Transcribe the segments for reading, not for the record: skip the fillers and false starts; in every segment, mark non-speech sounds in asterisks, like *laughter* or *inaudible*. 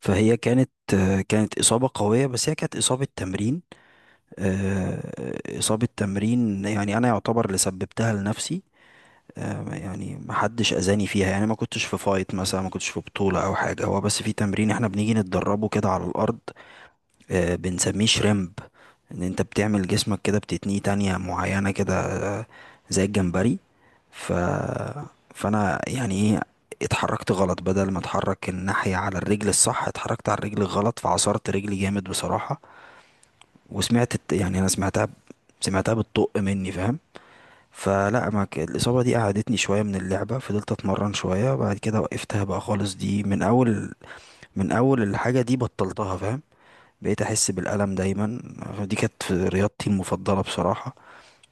فهي كانت كانت إصابة قوية، بس هي كانت إصابة تمرين. إصابة تمرين، يعني أنا يعتبر اللي سببتها لنفسي. يعني ما حدش أذاني فيها، يعني ما كنتش في فايت مثلا، ما كنتش في بطولة أو حاجة، هو بس في تمرين إحنا بنيجي نتدربه كده على الأرض. بنسميه شريمب. انت بتعمل جسمك كده، بتتنيه تانية معينة كده، آه، زي الجمبري. ف... فانا يعني ايه، اتحركت غلط، بدل ما اتحرك الناحية على الرجل الصح اتحركت على الرجل الغلط، فعصرت رجلي جامد بصراحة. وسمعت يعني انا سمعتها بتطق مني، فاهم؟ فلا ما ك... الإصابة دي قعدتني شوية من اللعبة، فضلت أتمرن شوية بعد كده وقفتها بقى خالص، دي من أول الحاجة دي بطلتها، فاهم؟ بقيت احس بالالم دايما. دي كانت رياضتي المفضله بصراحه،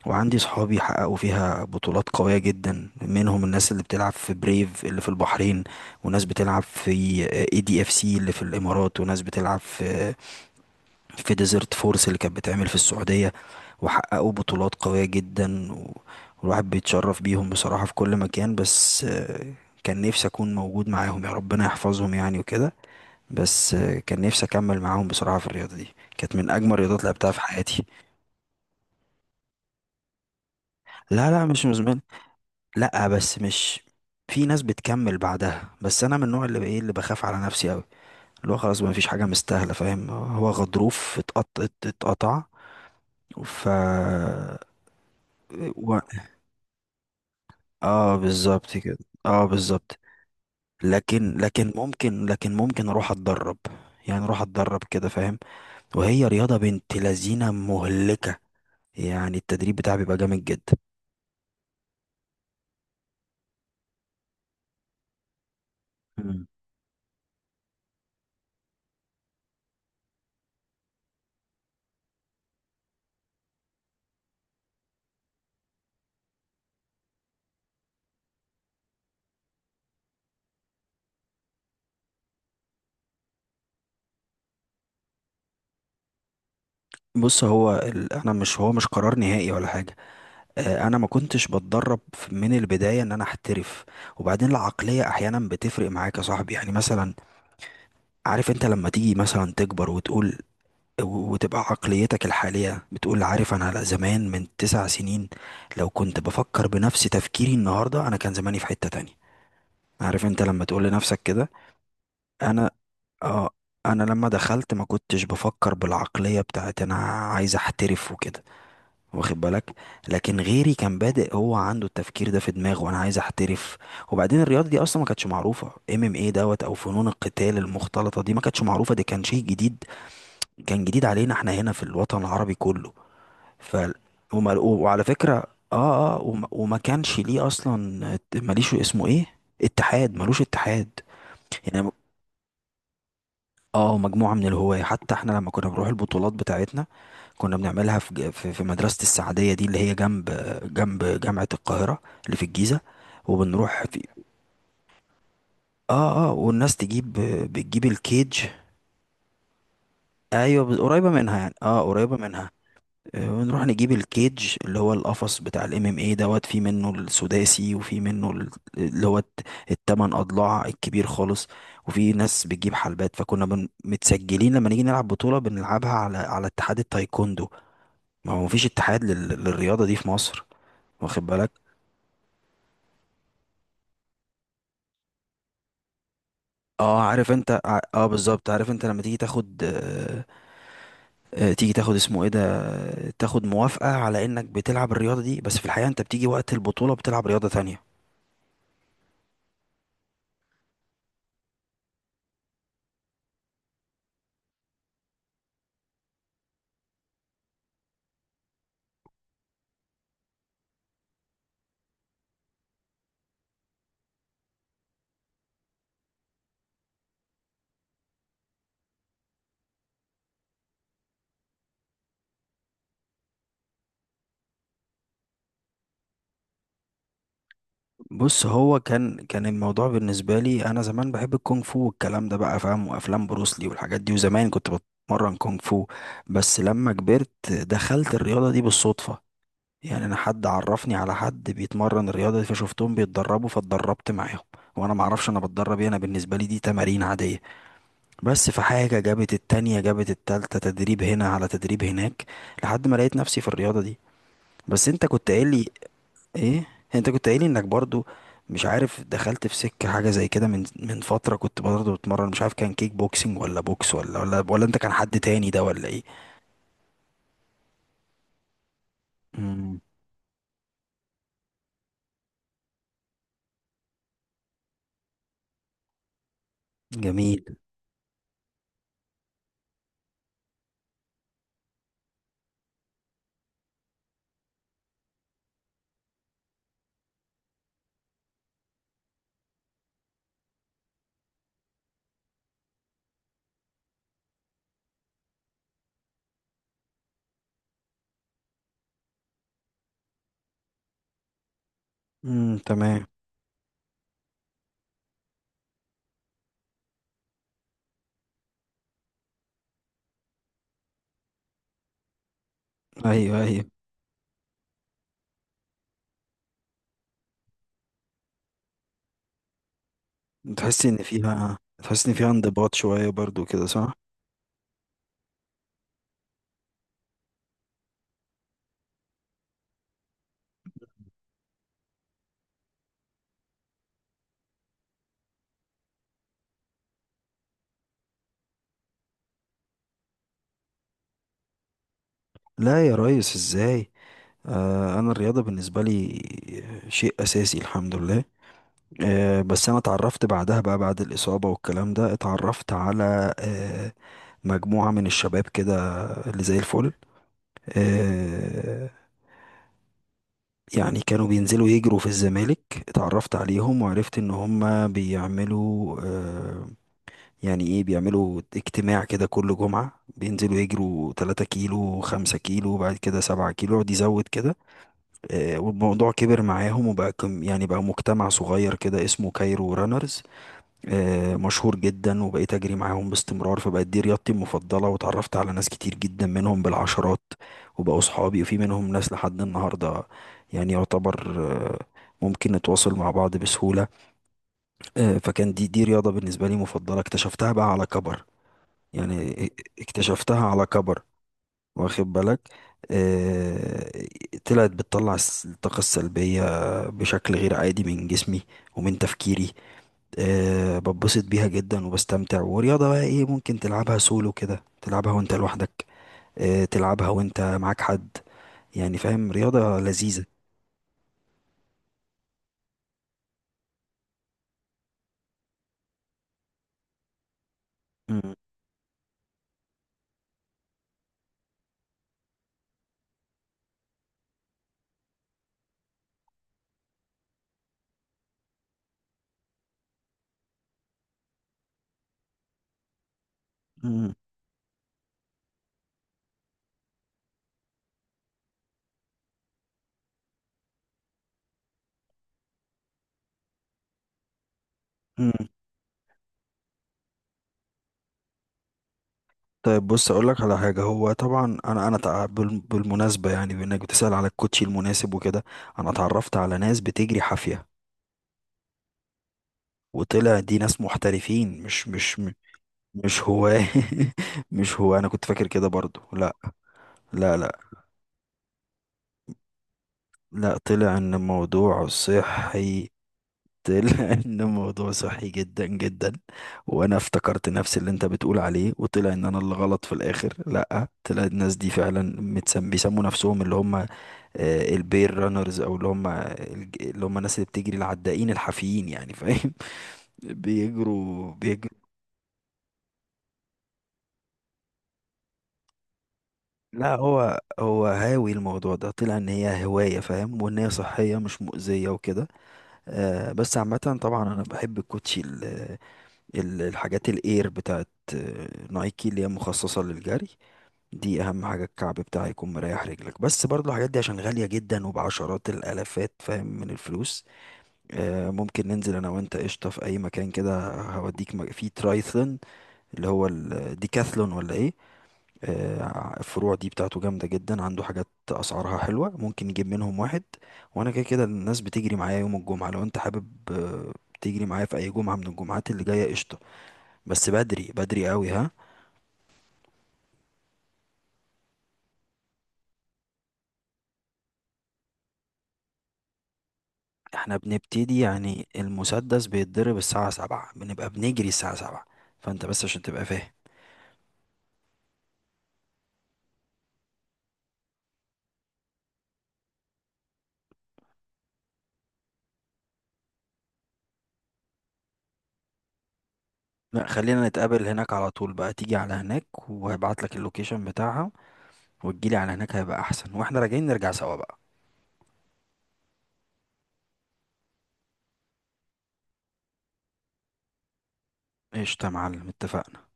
وعندي صحابي حققوا فيها بطولات قويه جدا، منهم الناس اللي بتلعب في بريف اللي في البحرين، وناس بتلعب في اي دي اف سي اللي في الامارات، وناس بتلعب في ديزرت فورس اللي كانت بتعمل في السعوديه، وحققوا بطولات قويه جدا، والواحد بيتشرف بيهم بصراحه في كل مكان. بس كان نفسي اكون موجود معاهم، يا ربنا يحفظهم يعني وكده. بس كان نفسي اكمل معاهم بصراحه في الرياضه دي، كانت من اجمل الرياضات اللي لعبتها في حياتي. لا لا، مش مزمن. لا بس مش، في ناس بتكمل بعدها، بس انا من النوع اللي ايه، اللي بخاف على نفسي قوي، اللي هو خلاص ما فيش حاجه مستاهله، فاهم؟ هو غضروف اتقطع اتقطع. ف و... اه، بالظبط كده. اه، بالظبط. لكن ممكن اروح اتدرب، يعني اروح اتدرب كده، فاهم؟ وهي رياضه بنت لذينه مهلكه، يعني التدريب بتاعها بيبقى جامد جدا. مم. بص، انا، مش هو مش قرار نهائي ولا حاجه. انا ما كنتش بتدرب من البدايه ان انا احترف. وبعدين العقليه احيانا بتفرق معاك يا صاحبي، يعني مثلا عارف انت، لما تيجي مثلا تكبر وتقول، وتبقى عقليتك الحاليه بتقول عارف انا، لا زمان من 9 سنين، لو كنت بفكر بنفس تفكيري النهارده، انا كان زماني في حته تانية، عارف انت لما تقول لنفسك كده؟ انا، اه، انا لما دخلت ما كنتش بفكر بالعقليه بتاعت انا عايز احترف وكده، واخد بالك؟ لكن غيري كان بادئ، هو عنده التفكير ده في دماغه، وانا عايز احترف. وبعدين الرياضه دي اصلا ما كانتش معروفه، ام ام ايه دوت، او فنون القتال المختلطه دي ما كانتش معروفه، دي كان شيء جديد، كان جديد علينا احنا هنا في الوطن العربي كله. ف وعلى فكره، اه اه، وما كانش ليه اصلا، ماليش اسمه ايه، اتحاد، ملوش اتحاد. يعني، اه، مجموعة من الهواة، حتى احنا لما كنا بنروح البطولات بتاعتنا كنا بنعملها في في مدرسة السعدية دي اللي هي جنب، جنب جامعة القاهرة اللي في الجيزة، وبنروح في، اه اه والناس تجيب، بتجيب الكيج. ايوه، قريبة منها يعني، اه، قريبة منها. ونروح نجيب الكيج، اللي هو القفص بتاع الام ام اي دوت، في منه السداسي، وفي منه اللي هو الت- التمن اضلاع الكبير خالص. وفي ناس بتجيب حلبات، متسجلين، لما نيجي نلعب بطولة بنلعبها على اتحاد التايكوندو، ما هو مفيش اتحاد للرياضة دي في مصر، واخد بالك؟ اه عارف انت اه، بالظبط، عارف انت لما تيجي تاخد آه، تيجي تاخد اسمه ايه ده، تاخد موافقة على انك بتلعب الرياضة دي، بس في الحقيقة انت بتيجي وقت البطولة بتلعب رياضة تانية. بص هو كان الموضوع بالنسبة لي، أنا زمان بحب الكونغ فو والكلام ده بقى، فاهم، وأفلام بروسلي والحاجات دي، وزمان كنت بتمرن كونغ فو. بس لما كبرت دخلت الرياضة دي بالصدفة، يعني أنا حد عرفني على حد بيتمرن الرياضة دي، فشفتهم بيتدربوا فاتدربت معاهم، وأنا معرفش أنا بتدرب إيه، أنا بالنسبة لي دي تمارين عادية، بس في حاجة جابت التانية، جابت التالتة، تدريب هنا على تدريب هناك، لحد ما لقيت نفسي في الرياضة دي. بس أنت كنت قايل لي ايه، انت كنت قايل انك برضو مش عارف دخلت في سكة حاجة زي كده من فترة، كنت برضو بتمرن، مش عارف كان كيك بوكسينج ولا بوكس ولا انت كان حد تاني ده ولا ايه؟ امم، جميل. امم، تمام. ايوه ايوه، تحس ان فيها انضباط شوية برضو كده صح؟ لا يا ريس، ازاي؟ آه، انا الرياضة بالنسبة لي شيء اساسي الحمد لله. بس انا اتعرفت بعدها بقى، بعد الاصابه والكلام ده، اتعرفت على مجموعه من الشباب كده اللي زي الفل، آه، يعني كانوا بينزلوا يجروا في الزمالك. اتعرفت عليهم، وعرفت ان هم بيعملوا يعني ايه، بيعملوا اجتماع كده كل جمعه، بينزلوا يجروا 3 كيلو، 5 كيلو، بعد كده 7 كيلو، يقعد يزود كده. والموضوع كبر معاهم، وبقى يعني بقى مجتمع صغير كده اسمه كايرو رانرز. مشهور جدا، وبقيت اجري معاهم باستمرار، فبقت دي رياضتي المفضله، واتعرفت على ناس كتير جدا منهم بالعشرات، وبقوا صحابي، وفي منهم ناس لحد النهارده، يعني يعتبر ممكن نتواصل مع بعض بسهوله. فكان دي رياضه بالنسبه لي مفضله، اكتشفتها بقى على كبر، يعني اكتشفتها على كبر، واخد بالك؟ آه، طلعت بتطلع الطاقة السلبية بشكل غير عادي من جسمي ومن تفكيري. بتبسط بيها جدا وبستمتع، ورياضة بقى ايه، ممكن تلعبها سولو كده، تلعبها وانت لوحدك، تلعبها وانت معاك حد، يعني فاهم، رياضة لذيذة. مم، مم، مم. طيب، بص اقول لك على حاجة، هو طبعا انا، بالمناسبة يعني، بانك بتسأل على الكوتشي المناسب وكده، انا اتعرفت على ناس بتجري حافية، وطلع دي ناس محترفين، مش هو. *laughs* مش هو، انا كنت فاكر كده برضو، لا. لا لا، لا طلع ان الموضوع صحي. *laughs* لأن الموضوع صحي جدا جدا، وأنا افتكرت نفس اللي أنت بتقول عليه، وطلع إن أنا اللي غلط في الآخر. لأ، طلع الناس دي فعلا متسم، بيسموا نفسهم اللي هم البير رانرز، أو اللي هم الناس اللي بتجري، العدائين الحافيين يعني، فاهم؟ *laughs* بيجروا بيجروا. لا هو هو هاوي الموضوع ده، طلع ان هي هواية، فاهم، وان هي صحية مش مؤذية وكده. آه، بس عامة طبعا انا بحب الكوتشي، الحاجات الاير بتاعت نايكي اللي هي مخصصة للجري، دي اهم حاجة، الكعب بتاعها يكون مريح رجلك، بس برضو الحاجات دي عشان غالية جدا وبعشرات الالافات، فاهم، من الفلوس. ممكن ننزل انا وانت قشطة في اي مكان كده، هوديك في ترايثلون، اللي هو الديكاثلون ولا ايه، الفروع دي بتاعته جامدة جدا، عنده حاجات اسعارها حلوة ممكن نجيب منهم واحد. وانا كده كده الناس بتجري معايا يوم الجمعة، لو انت حابب تجري معايا في اي جمعة من الجمعات اللي جاية قشطة، بس بدري بدري قوي ها. احنا بنبتدي يعني، المسدس بيتضرب الساعة 7، بنبقى بنجري الساعة 7، فانت بس عشان تبقى فاهم. لا خلينا نتقابل هناك على طول بقى، تيجي على هناك وهبعت لك اللوكيشن بتاعها، وتجيلي على هناك هيبقى احسن، واحنا راجعين نرجع سوا بقى. قشطة يا معلم، اتفقنا.